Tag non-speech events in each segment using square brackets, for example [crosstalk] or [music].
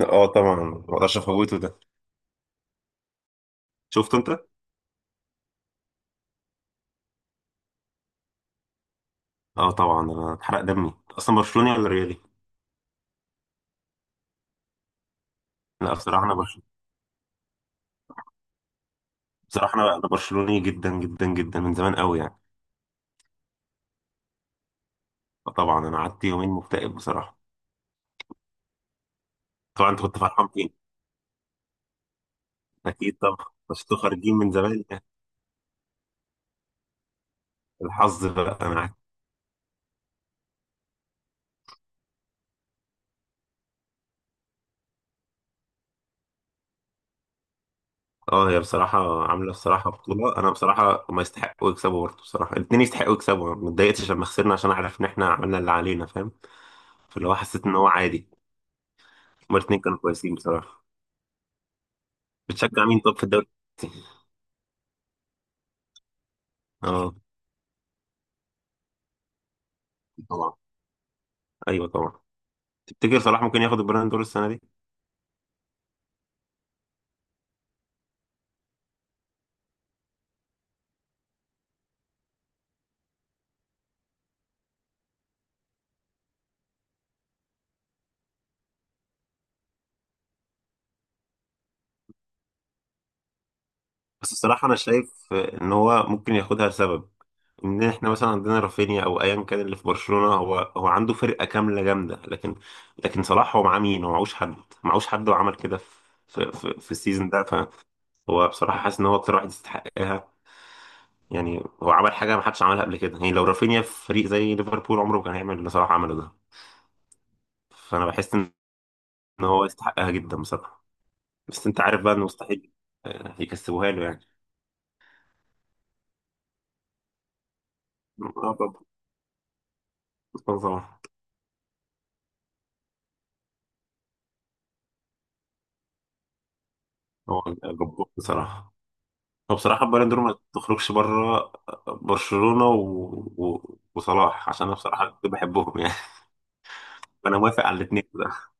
اه، طبعا ما اقدرش افوته ده. شفته انت؟ اه طبعا، انا اتحرق دمي اصلا. برشلوني ولا ريالي؟ لا، بصراحه انا برشلوني. بصراحه انا برشلوني جدا جدا جدا من زمان قوي يعني. فطبعا انا قعدت يومين مكتئب بصراحه. طبعا انت كنت فرحان فين. اكيد طبعا، بس انتوا خارجين من زمان يعني. الحظ بقى انا عارف. اه، هي بصراحه عامله بصراحه بطوله. انا بصراحه ما يستحقوا يكسبوا برضه، بصراحه الاثنين يستحقوا يكسبوا. ما اتضايقتش لما خسرنا عشان عارف ان احنا عملنا اللي علينا، فاهم؟ فاللي هو حسيت ان هو عادي. هما الاثنين كانوا كويسين بصراحه. بتشجع مين طب في الدوري؟ اه، طبعا. ايوه طبعا. تفتكر صلاح ممكن ياخد البالون دور السنه دي؟ بس الصراحه انا شايف ان هو ممكن ياخدها لسبب. ان احنا مثلا عندنا رافينيا او ايا كان اللي في برشلونه، هو عنده فرقه كامله جامده، لكن لكن صلاح هو معاه مين؟ هو معهوش حد. معهوش حد وعمل كده في في السيزون ده. فهو بصراحه حاسس ان هو اكتر واحد يستحقها. يعني هو عمل حاجه ما حدش عملها قبل كده، يعني لو رافينيا في فريق زي ليفربول عمره ما كان هيعمل اللي صلاح عمله ده. فانا بحس ان هو يستحقها جدا بصراحه. بس انت عارف بقى انه مستحيل يكسبوها له يعني. آه، بطل صلاح. هو جبار بصراحة. هو بصراحة البالون دور ما تخرجش بره. برشلونة وصلاح، عشان انا بصراحة كنت بحبهم يعني. [laughs] فانا موافق على الاثنين ده.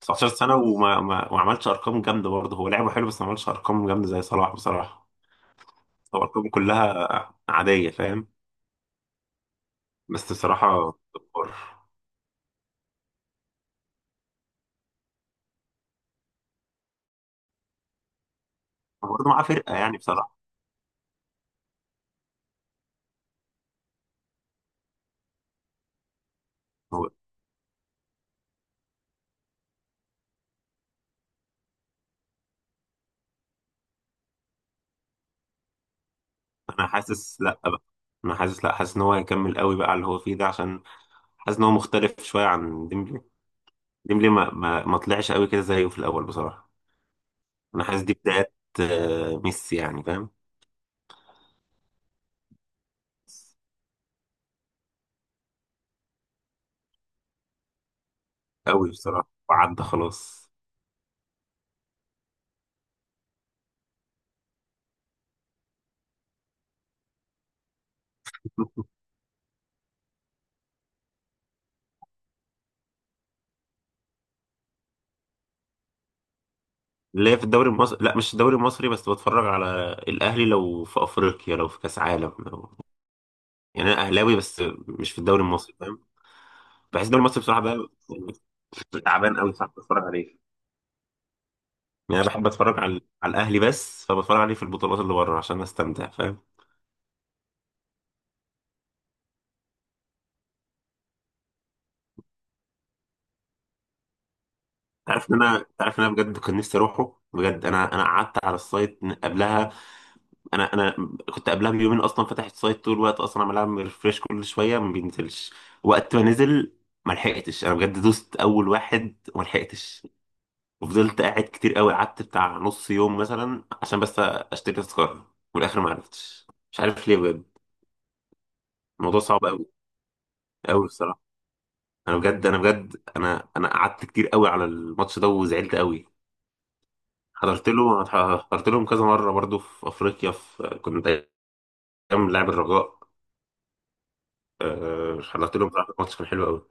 19 سنة وما ما... ما عملش ارقام جامدة برضه. هو لعبه حلو، بس ما عملش ارقام جامدة زي صلاح بصراحة. هو ارقامه كلها عادية، فاهم؟ بس بصراحة جبار. هو برضه معاه فرقة يعني بصراحة. هو انا حاسس لا بقى. انا حاسس لا، حاسس ان هو هيكمل قوي بقى على اللي هو فيه ده، عشان حاسس ان هو مختلف شويه عن ديمبلي. ديمبلي ما طلعش قوي كده زيه في الاول بصراحه. انا حاسس دي بدايات ميسي يعني، فاهم؟ قوي بصراحه وعدى خلاص. [laughs] اللي هي في الدوري المصري، لا، مش الدوري المصري، بس بتفرج على الاهلي لو في افريقيا، لو في كاس عالم، يعني انا اهلاوي، بس مش في الدوري المصري، فاهم؟ بحس الدوري المصري بصراحه بقى يعني تعبان قوي، صعب اتفرج عليه. يعني انا بحب اتفرج على على الاهلي بس، فبتفرج عليه في البطولات اللي بره عشان استمتع، فاهم؟ تعرف ان انا بجد كنت نفسي اروحه بجد. انا انا قعدت على السايت من قبلها انا كنت قبلها بيومين اصلا فاتح السايت طول الوقت، اصلا عمال ريفريش كل شويه، ما بينزلش. وقت ما نزل ما لحقتش، انا بجد دوست اول واحد وما لحقتش. وفضلت قاعد كتير قوي، قعدت بتاع نص يوم مثلا عشان بس اشتري تذكره. وفي الاخر ما عرفتش، مش عارف ليه بجد. الموضوع صعب قوي، قوي بصراحه. انا بجد انا بجد انا انا قعدت كتير قوي على الماتش ده وزعلت قوي. حضرت له، حضرت لهم كذا مرة برضو في أفريقيا، في كنت أيام لاعب الرجاء. حضرت لهم بصراحة ماتش كان حلو أوي.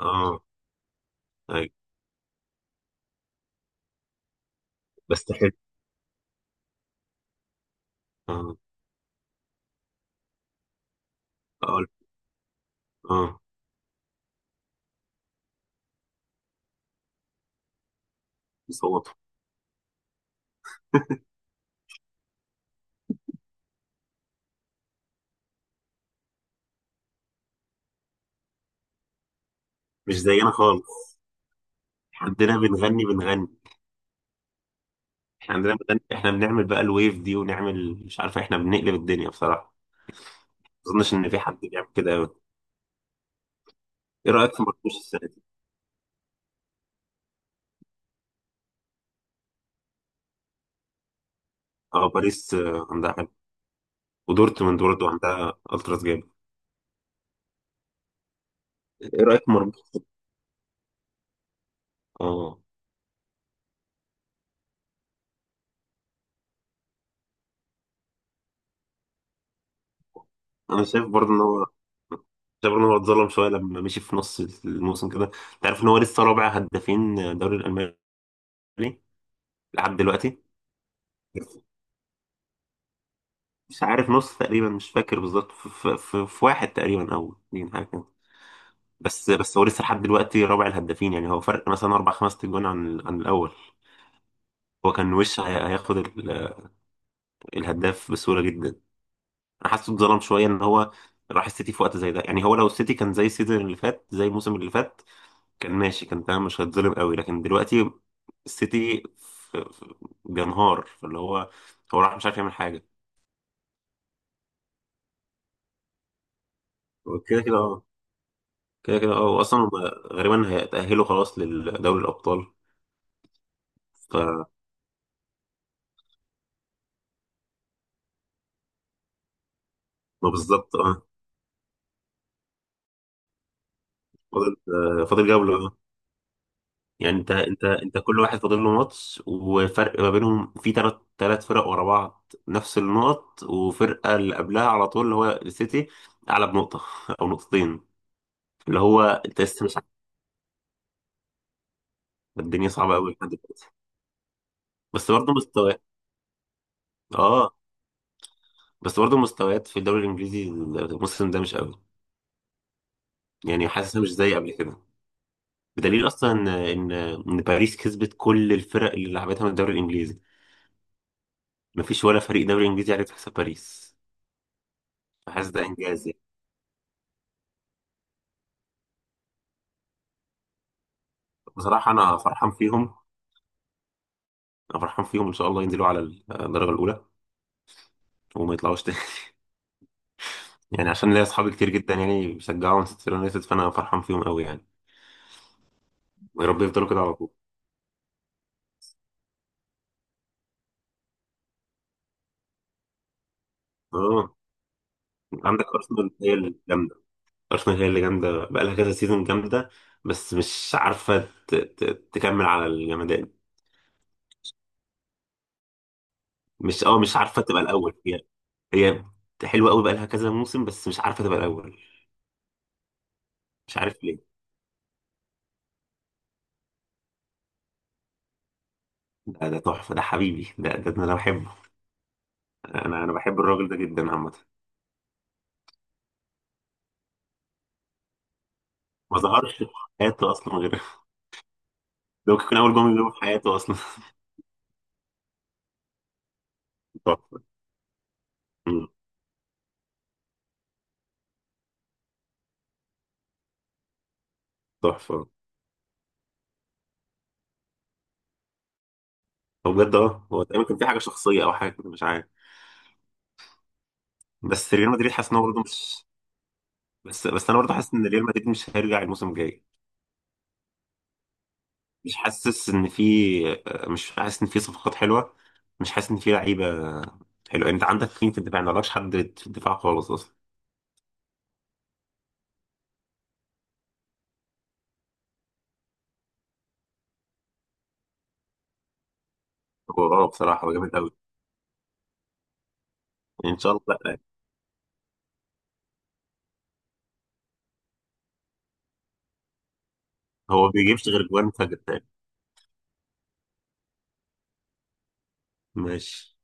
اه. أيوة. بس حلو. اه. أقول. اه. بيصوتوا. [laughs] مش زينا خالص. عندنا بنغني بنغني. احنا عندنا بنغني، احنا بنعمل بقى الويف دي، ونعمل مش عارف، احنا بنقلب الدنيا بصراحة. ما أظنش إن في حد بيعمل كده أوي. إيه رأيك في مرموش السنة دي؟ اه، باريس عندها حلو. ودورتموند برضه عندها ألتراس جامد. إيه رأيك في مرموش؟ اه. انا شايف برضه ان هو، شايف ان هو اتظلم شويه لما مشي في نص الموسم كده. انت عارف ان هو لسه رابع هدافين الدوري الالماني لحد دلوقتي. مش عارف، نص تقريبا، مش فاكر بالظبط، في واحد تقريبا او اتنين، حاجه كده. بس هو لسه لحد دلوقتي رابع الهدافين، يعني هو فرق مثلا اربع خمس تجوان عن عن الاول. هو كان وش هياخد الهداف بسهوله جدا. انا حاسه اتظلم شويه ان هو راح السيتي في وقت زي ده. يعني هو لو السيتي كان زي السيزون اللي فات، زي الموسم اللي فات، كان ماشي، كان تمام، مش هتظلم قوي. لكن دلوقتي السيتي بينهار، فاللي هو هو راح مش عارف يعمل حاجة. هو كده كده اه، كده كده اه. واصلا هم غالبا هيتأهلوا خلاص لدوري الأبطال. ف، ما بالظبط اه. فاضل، فاضل جولة اه. يعني انت كل واحد فاضل له ماتش، وفرق ما بينهم في ثلاث فرق ورا بعض نفس النقط، وفرقة اللي قبلها على طول اللي هو السيتي أعلى بنقطة [laughs] أو نقطتين. اللي هو انت لسه مش عارف. الدنيا صعبة قوي لحد دلوقتي. بس برضه مستويات. اه، بس برضه مستويات في الدوري الانجليزي الموسم ده مش قوي، يعني حاسسها مش زي قبل كده. بدليل اصلا ان ان إن باريس كسبت كل الفرق اللي لعبتها من الدوري الانجليزي. مفيش ولا فريق دوري انجليزي عرف يكسب باريس. فحاسس ده انجاز يعني. بصراحه انا فرحان فيهم، انا فرحان فيهم. ان شاء الله ينزلوا على الدرجه الاولى وما يطلعوش تاني. [laughs] يعني عشان ليا اصحابي كتير جدا يعني بيشجعوا مانشستر يونايتد، فانا فرحان فيهم قوي يعني. ويا رب يفضلوا كده على طول. اه، عندك ارسنال هي الجامده. ارسنال هي اللي جامده، بقى لها كذا سيزون جامده، بس مش عارفه تكمل على الجمدان. مش، اه، مش عارفه تبقى الاول. هي هي حلوه قوي، بقى لها كذا موسم، بس مش عارفه تبقى الاول. مش عارف ليه. ده ده تحفه، ده حبيبي، ده انا بحبه. انا بحب الراجل ده جدا عامه. ما ظهرش في حياته اصلا غير. [laughs] ده ممكن يكون اول جمله له في حياته اصلا. [laughs] تحفه. أمم، تحفه. هو بجد اه، هو تقريبا كان في حاجه شخصيه او حاجه كده مش عارف. بس ريال مدريد حاسس ان هو برضه مش. بس انا برضه حاسس ان ريال مدريد مش هيرجع الموسم الجاي. مش حاسس ان في، مش حاسس ان في صفقات حلوه، مش حاسس ان في لعيبه حلوه. يعني انت عندك مين في الدفاع؟ ما عندكش حد في الدفاع خالص اصلا. هو اه، بصراحه هو جامد قوي. ان شاء الله. لا، هو بيجيبش غير جوان فجر تاني. ماشي.